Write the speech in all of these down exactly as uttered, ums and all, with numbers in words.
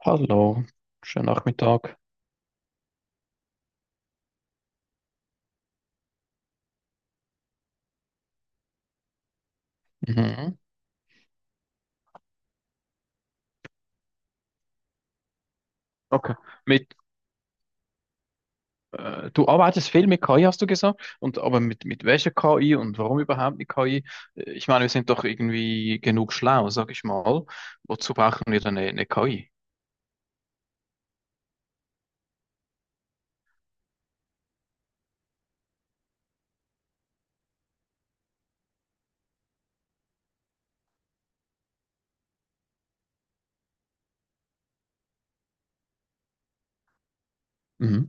Hallo, schönen Nachmittag. Mhm. Okay. Mit, äh, Du arbeitest viel mit K I, hast du gesagt, und aber mit, mit welcher K I und warum überhaupt mit K I? Äh, Ich meine, wir sind doch irgendwie genug schlau, sag ich mal. Wozu brauchen wir dann eine, eine K I? Mhm.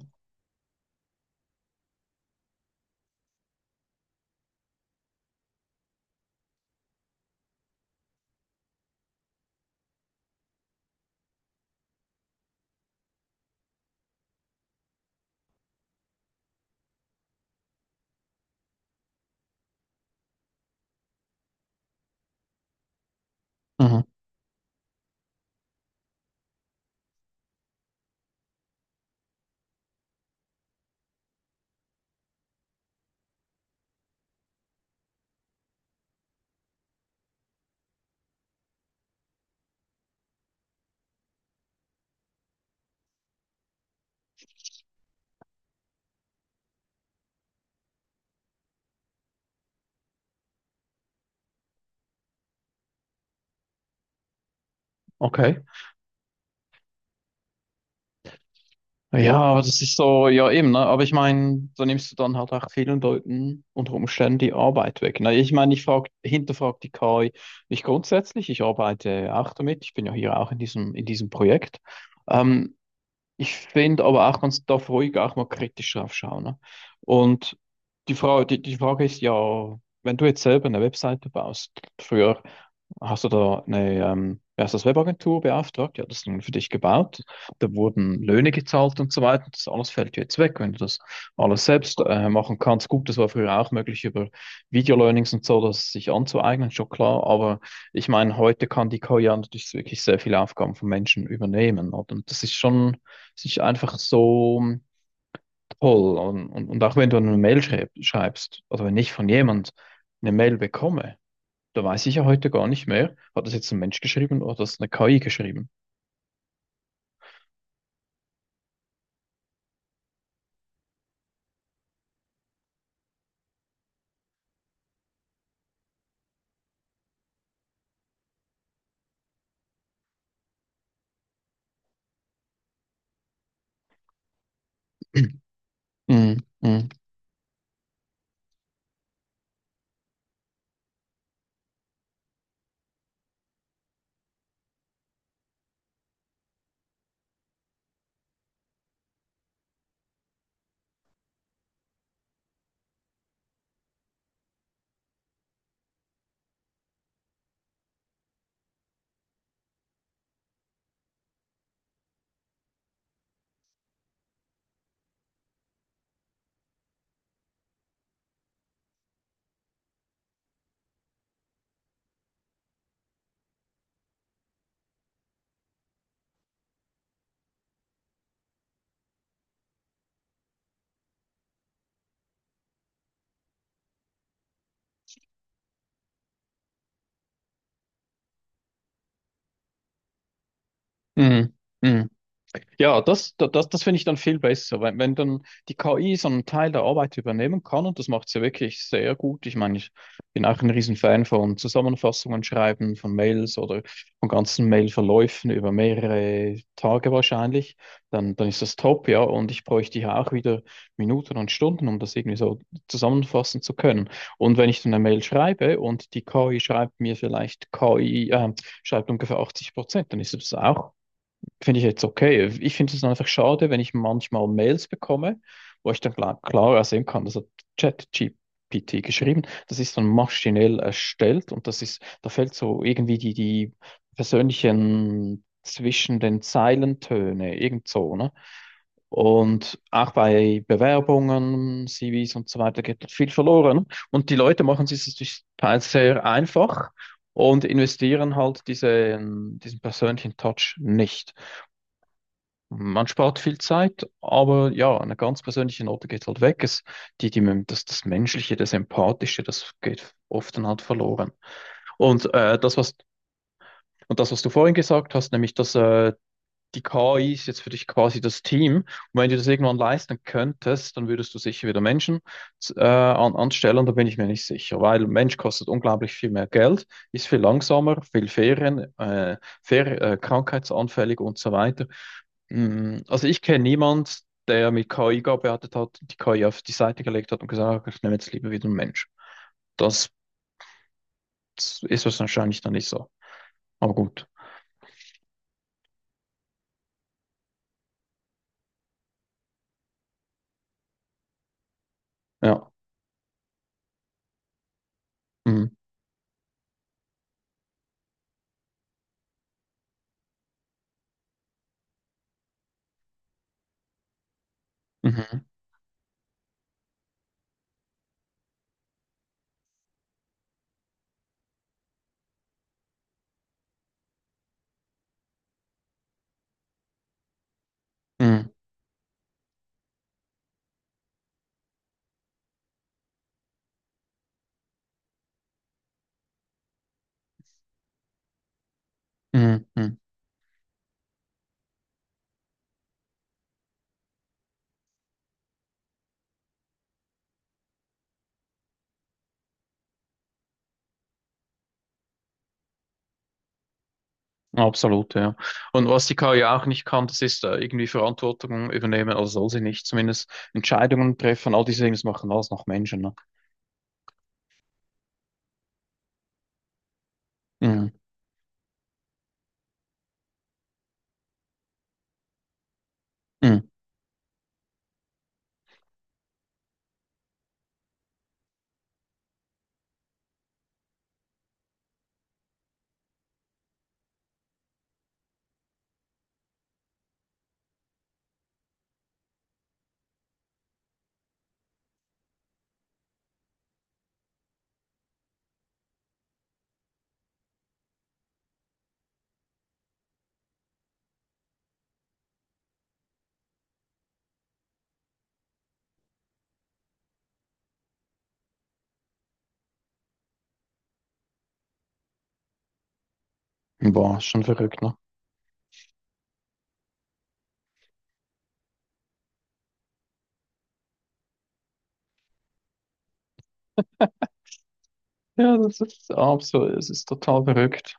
Mhm. Okay. Ja, aber das ist so, ja eben, ne? Aber ich meine, da nimmst du dann halt auch vielen Leuten unter Umständen die Arbeit weg. Ne? Ich meine, ich frag, hinterfrag die K I nicht grundsätzlich, ich arbeite auch damit, ich bin ja hier auch in diesem, in diesem Projekt. Ähm, ich finde aber auch, man darf ruhig auch mal kritisch drauf schauen. Ne? Und die Frage, die, die Frage ist ja, wenn du jetzt selber eine Webseite baust. Früher hast du da eine, ähm, wie heißt das, Webagentur beauftragt? Ja, das dann für dich gebaut. Da wurden Löhne gezahlt und so weiter. Das alles fällt dir jetzt weg, wenn du das alles selbst äh, machen kannst. Gut, das war früher auch möglich über Video-Learnings und so, das sich anzueignen, schon klar. Aber ich meine, heute kann die K I ja natürlich wirklich sehr viele Aufgaben von Menschen übernehmen. Oder? Und das ist schon, das ist einfach so toll. Und, und, und auch wenn du eine Mail schreib, schreibst, oder wenn ich von jemand eine Mail bekomme, da weiß ich ja heute gar nicht mehr. Hat das jetzt ein Mensch geschrieben oder hat das eine K I geschrieben? Mm, mm, mm, mm. Ja, das, da- das, das, finde ich dann viel besser, wenn, wenn dann die K I so einen Teil der Arbeit übernehmen kann, und das macht sie wirklich sehr gut. Ich meine, ich bin auch ein Riesenfan von Zusammenfassungen schreiben, von Mails oder von ganzen Mailverläufen über mehrere Tage wahrscheinlich. Dann, dann ist das top, ja. Und ich bräuchte ja auch wieder Minuten und Stunden, um das irgendwie so zusammenfassen zu können. Und wenn ich dann eine Mail schreibe und die K I schreibt mir vielleicht K I, äh, schreibt ungefähr achtzig Prozent, dann ist das auch, finde ich, jetzt okay. Ich finde es einfach schade, wenn ich manchmal Mails bekomme, wo ich dann klar, klarer sehen kann, das hat ChatGPT geschrieben, das ist dann maschinell erstellt, und das ist, da fällt so irgendwie die, die persönlichen zwischen den Zeilentöne, irgend so, ne? Und auch bei Bewerbungen, C Vs und so weiter geht viel verloren. Und die Leute machen sich das durch- teils sehr einfach und investieren halt diese, diesen persönlichen Touch nicht. Man spart viel Zeit, aber ja, eine ganz persönliche Note geht halt weg. Es, die, die, das, das Menschliche, das Empathische, das geht oft dann halt verloren. Und äh, das, was, und das, was du vorhin gesagt hast, nämlich, dass äh, die K I ist jetzt für dich quasi das Team. Und wenn du das irgendwann leisten könntest, dann würdest du sicher wieder Menschen äh, an, anstellen. Da bin ich mir nicht sicher, weil Mensch kostet unglaublich viel mehr Geld, ist viel langsamer, viel fairer, äh, fair, äh, krankheitsanfällig und so weiter. Mm, Also ich kenne niemand, der mit K I gearbeitet hat, die K I auf die Seite gelegt hat und gesagt hat, ich nehme jetzt lieber wieder einen Mensch. Das ist wahrscheinlich dann nicht so. Aber gut. Ja. Mhm. Mhm. Mhm. Mhm. Mhm. Absolut, ja. Und was die K I auch nicht kann, das ist äh, irgendwie Verantwortung übernehmen, also soll sie nicht, zumindest Entscheidungen treffen, all diese Dinge, das machen alles noch Menschen, ne? Mhm. Mhm. Boah, ist schon verrückt, ne? Ja, das ist absolut, es ist total verrückt.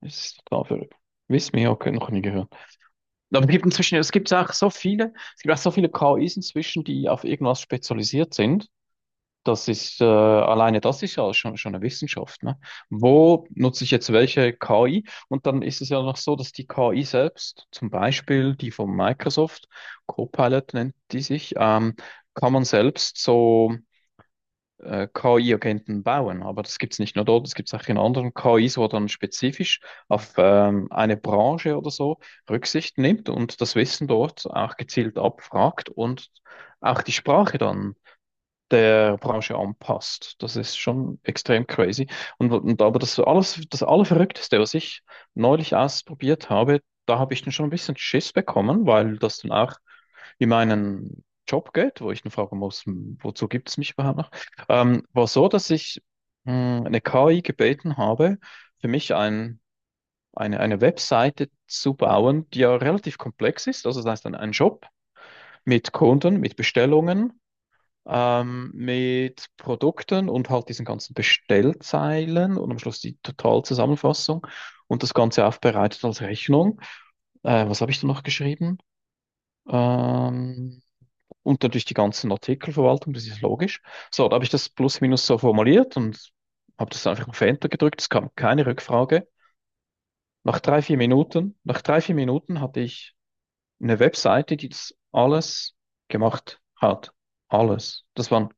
Es ist total verrückt. Wiss mir, okay, noch nie gehört. Aber es gibt inzwischen, es gibt auch so viele, es gibt auch so viele K Is inzwischen, die auf irgendwas spezialisiert sind. Das ist, äh, alleine das ist ja schon, schon eine Wissenschaft, ne? Wo nutze ich jetzt welche K I? Und dann ist es ja noch so, dass die K I selbst, zum Beispiel die von Microsoft, Copilot nennt die sich, ähm, kann man selbst so äh, K I-Agenten bauen. Aber das gibt es nicht nur dort, das gibt es auch in anderen K Is, wo dann spezifisch auf ähm, eine Branche oder so Rücksicht nimmt und das Wissen dort auch gezielt abfragt und auch die Sprache dann der Branche anpasst. Das ist schon extrem crazy. Und, und aber das alles, das Allerverrückteste, was ich neulich ausprobiert habe, da habe ich dann schon ein bisschen Schiss bekommen, weil das dann auch in meinen Job geht, wo ich dann fragen muss: "Hm, wozu gibt es mich überhaupt noch?" Ähm, war so, dass ich mh, eine K I gebeten habe, für mich ein, eine, eine Webseite zu bauen, die ja relativ komplex ist. Also das heißt, ein, ein Shop mit Kunden, mit Bestellungen, ähm, mit Produkten und halt diesen ganzen Bestellzeilen und am Schluss die Totalzusammenfassung, und das Ganze aufbereitet als Rechnung. Äh, was habe ich da noch geschrieben? Ähm, und natürlich die ganzen Artikelverwaltung, das ist logisch. So, da habe ich das plus minus so formuliert und habe das einfach auf Enter gedrückt. Es kam keine Rückfrage. Nach drei, vier Minuten, nach drei, vier Minuten hatte ich eine Webseite, die das alles gemacht hat. Alles. Das waren,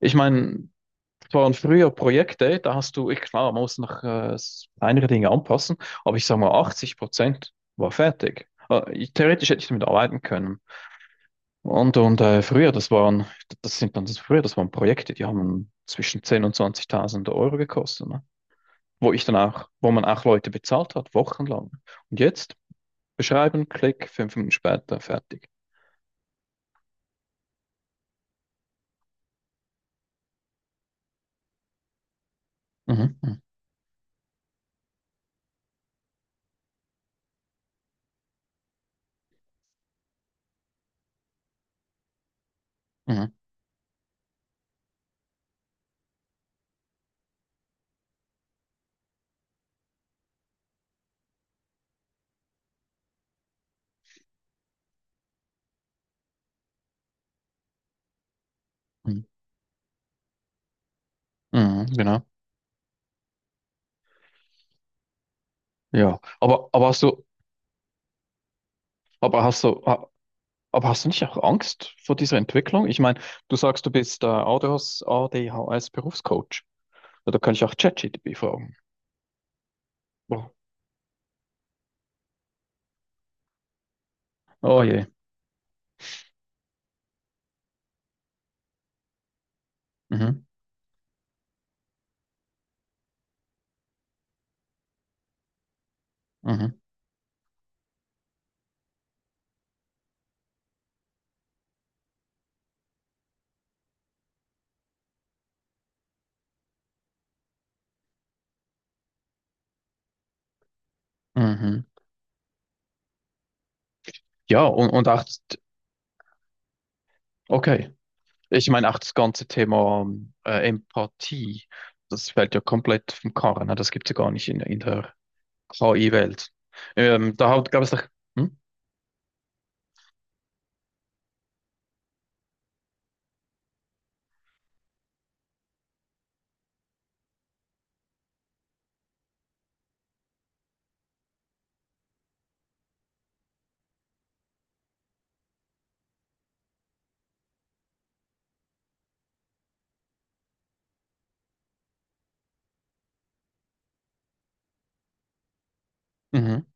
ich meine, Es waren früher Projekte, da hast du, ich, klar, man muss noch äh, kleinere Dinge anpassen, aber ich sage mal, achtzig Prozent war fertig. Äh, ich, theoretisch hätte ich damit arbeiten können. Und, und äh, früher, das waren, das sind dann das früher, das waren Projekte, die haben zwischen zehntausend und zwanzigtausend Euro gekostet, ne? Wo ich dann auch, wo man auch Leute bezahlt hat, wochenlang. Und jetzt beschreiben, klick, fünf Minuten später, fertig. Mhm, mhm, mhm, mhm, mhm, genau. Ja, aber, aber hast du, aber hast du, Aber hast du nicht auch Angst vor dieser Entwicklung? Ich meine, du sagst, du bist äh, A D H S, A D H S-Berufscoach. Ja, da kann ich auch ChatGPT fragen. Oh, oh je. Mhm. Mhm. Mhm. Ja, und, und auch, okay. Ich meine, auch das ganze Thema äh, Empathie, das fällt ja komplett vom Karren. Ne? Das gibt es ja gar nicht in, in der K I-Welt. Ähm, da hat- gab es doch. Hm? Mhm.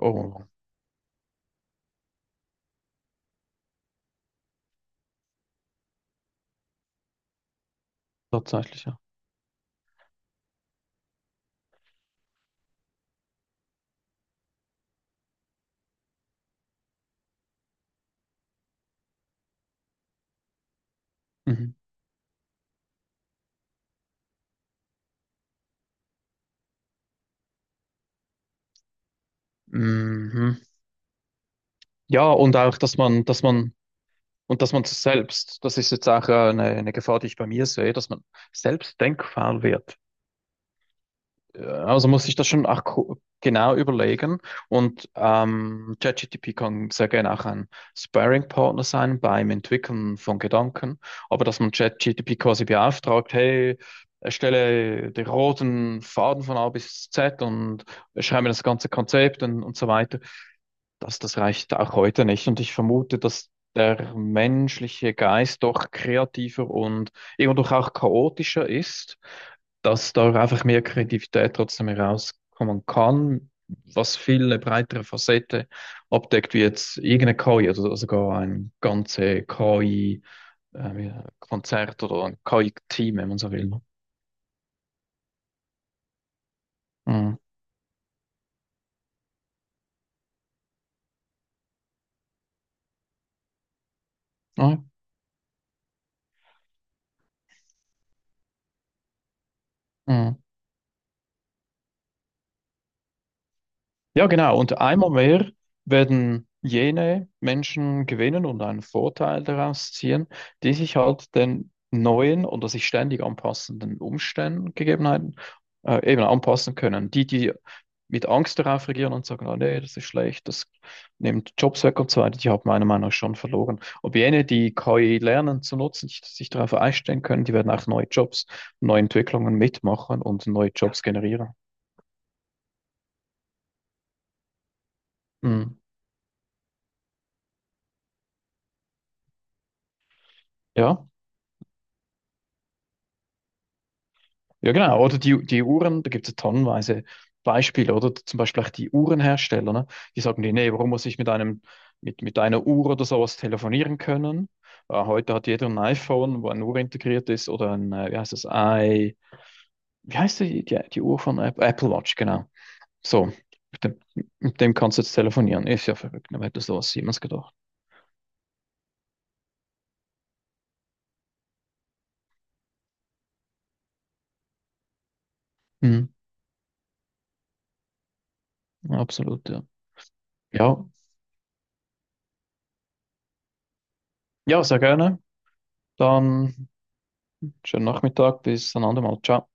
Oh, tatsächlich, ja. Mhm. Mhm. Ja, und auch, dass man, dass man und dass man selbst, das ist jetzt auch äh, eine, eine Gefahr, die ich bei mir sehe, dass man selbst denkfaul wird. Äh, Also muss ich das schon auch ko- genau überlegen. Und ähm, ChatGPT kann sehr gerne auch ein Sparring-Partner sein beim Entwickeln von Gedanken. Aber dass man ChatGPT quasi beauftragt: Hey, erstelle den roten Faden von A bis Z und schreibe das ganze Konzept, und, und so weiter. Das, das reicht auch heute nicht. Und ich vermute, dass der menschliche Geist doch kreativer und irgendwo auch chaotischer ist, dass da einfach mehr Kreativität trotzdem herauskommen kann, was viel eine breitere Facette abdeckt, wie jetzt irgendeine K I, also sogar ein ganze K I-Konzert oder ein K I-Team, wenn man so will. Mhm. Ja. Mhm. Ja, genau. Und einmal mehr werden jene Menschen gewinnen und einen Vorteil daraus ziehen, die sich halt den neuen oder sich ständig anpassenden Umständen, Gegebenheiten äh, eben anpassen können. Die, die mit Angst darauf reagieren und sagen, ah, nee, das ist schlecht, das nimmt Jobs weg und so weiter, die haben meiner Meinung nach schon verloren. Ob jene, die K I lernen zu nutzen, sich, sich darauf einstellen können, die werden auch neue Jobs, neue Entwicklungen mitmachen und neue Jobs generieren. Mhm. Ja. Ja, genau. Oder die, die Uhren, da gibt es ja tonnenweise Beispiele, oder? Zum Beispiel auch die Uhrenhersteller, ne? Die sagen dir, nee, warum muss ich mit einem, mit, mit einer Uhr oder sowas telefonieren können? Äh, heute hat jeder ein iPhone, wo eine Uhr integriert ist, oder ein, äh, wie heißt das, i, wie heißt die, die, die Uhr von App- Apple Watch, genau. So, mit dem, mit dem kannst du jetzt telefonieren. Ist ja verrückt, wer hätte sowas jemals gedacht. Hm, Absolut, ja. Ja, ja, sehr gerne. Dann schönen Nachmittag, bis ein andermal. Ciao.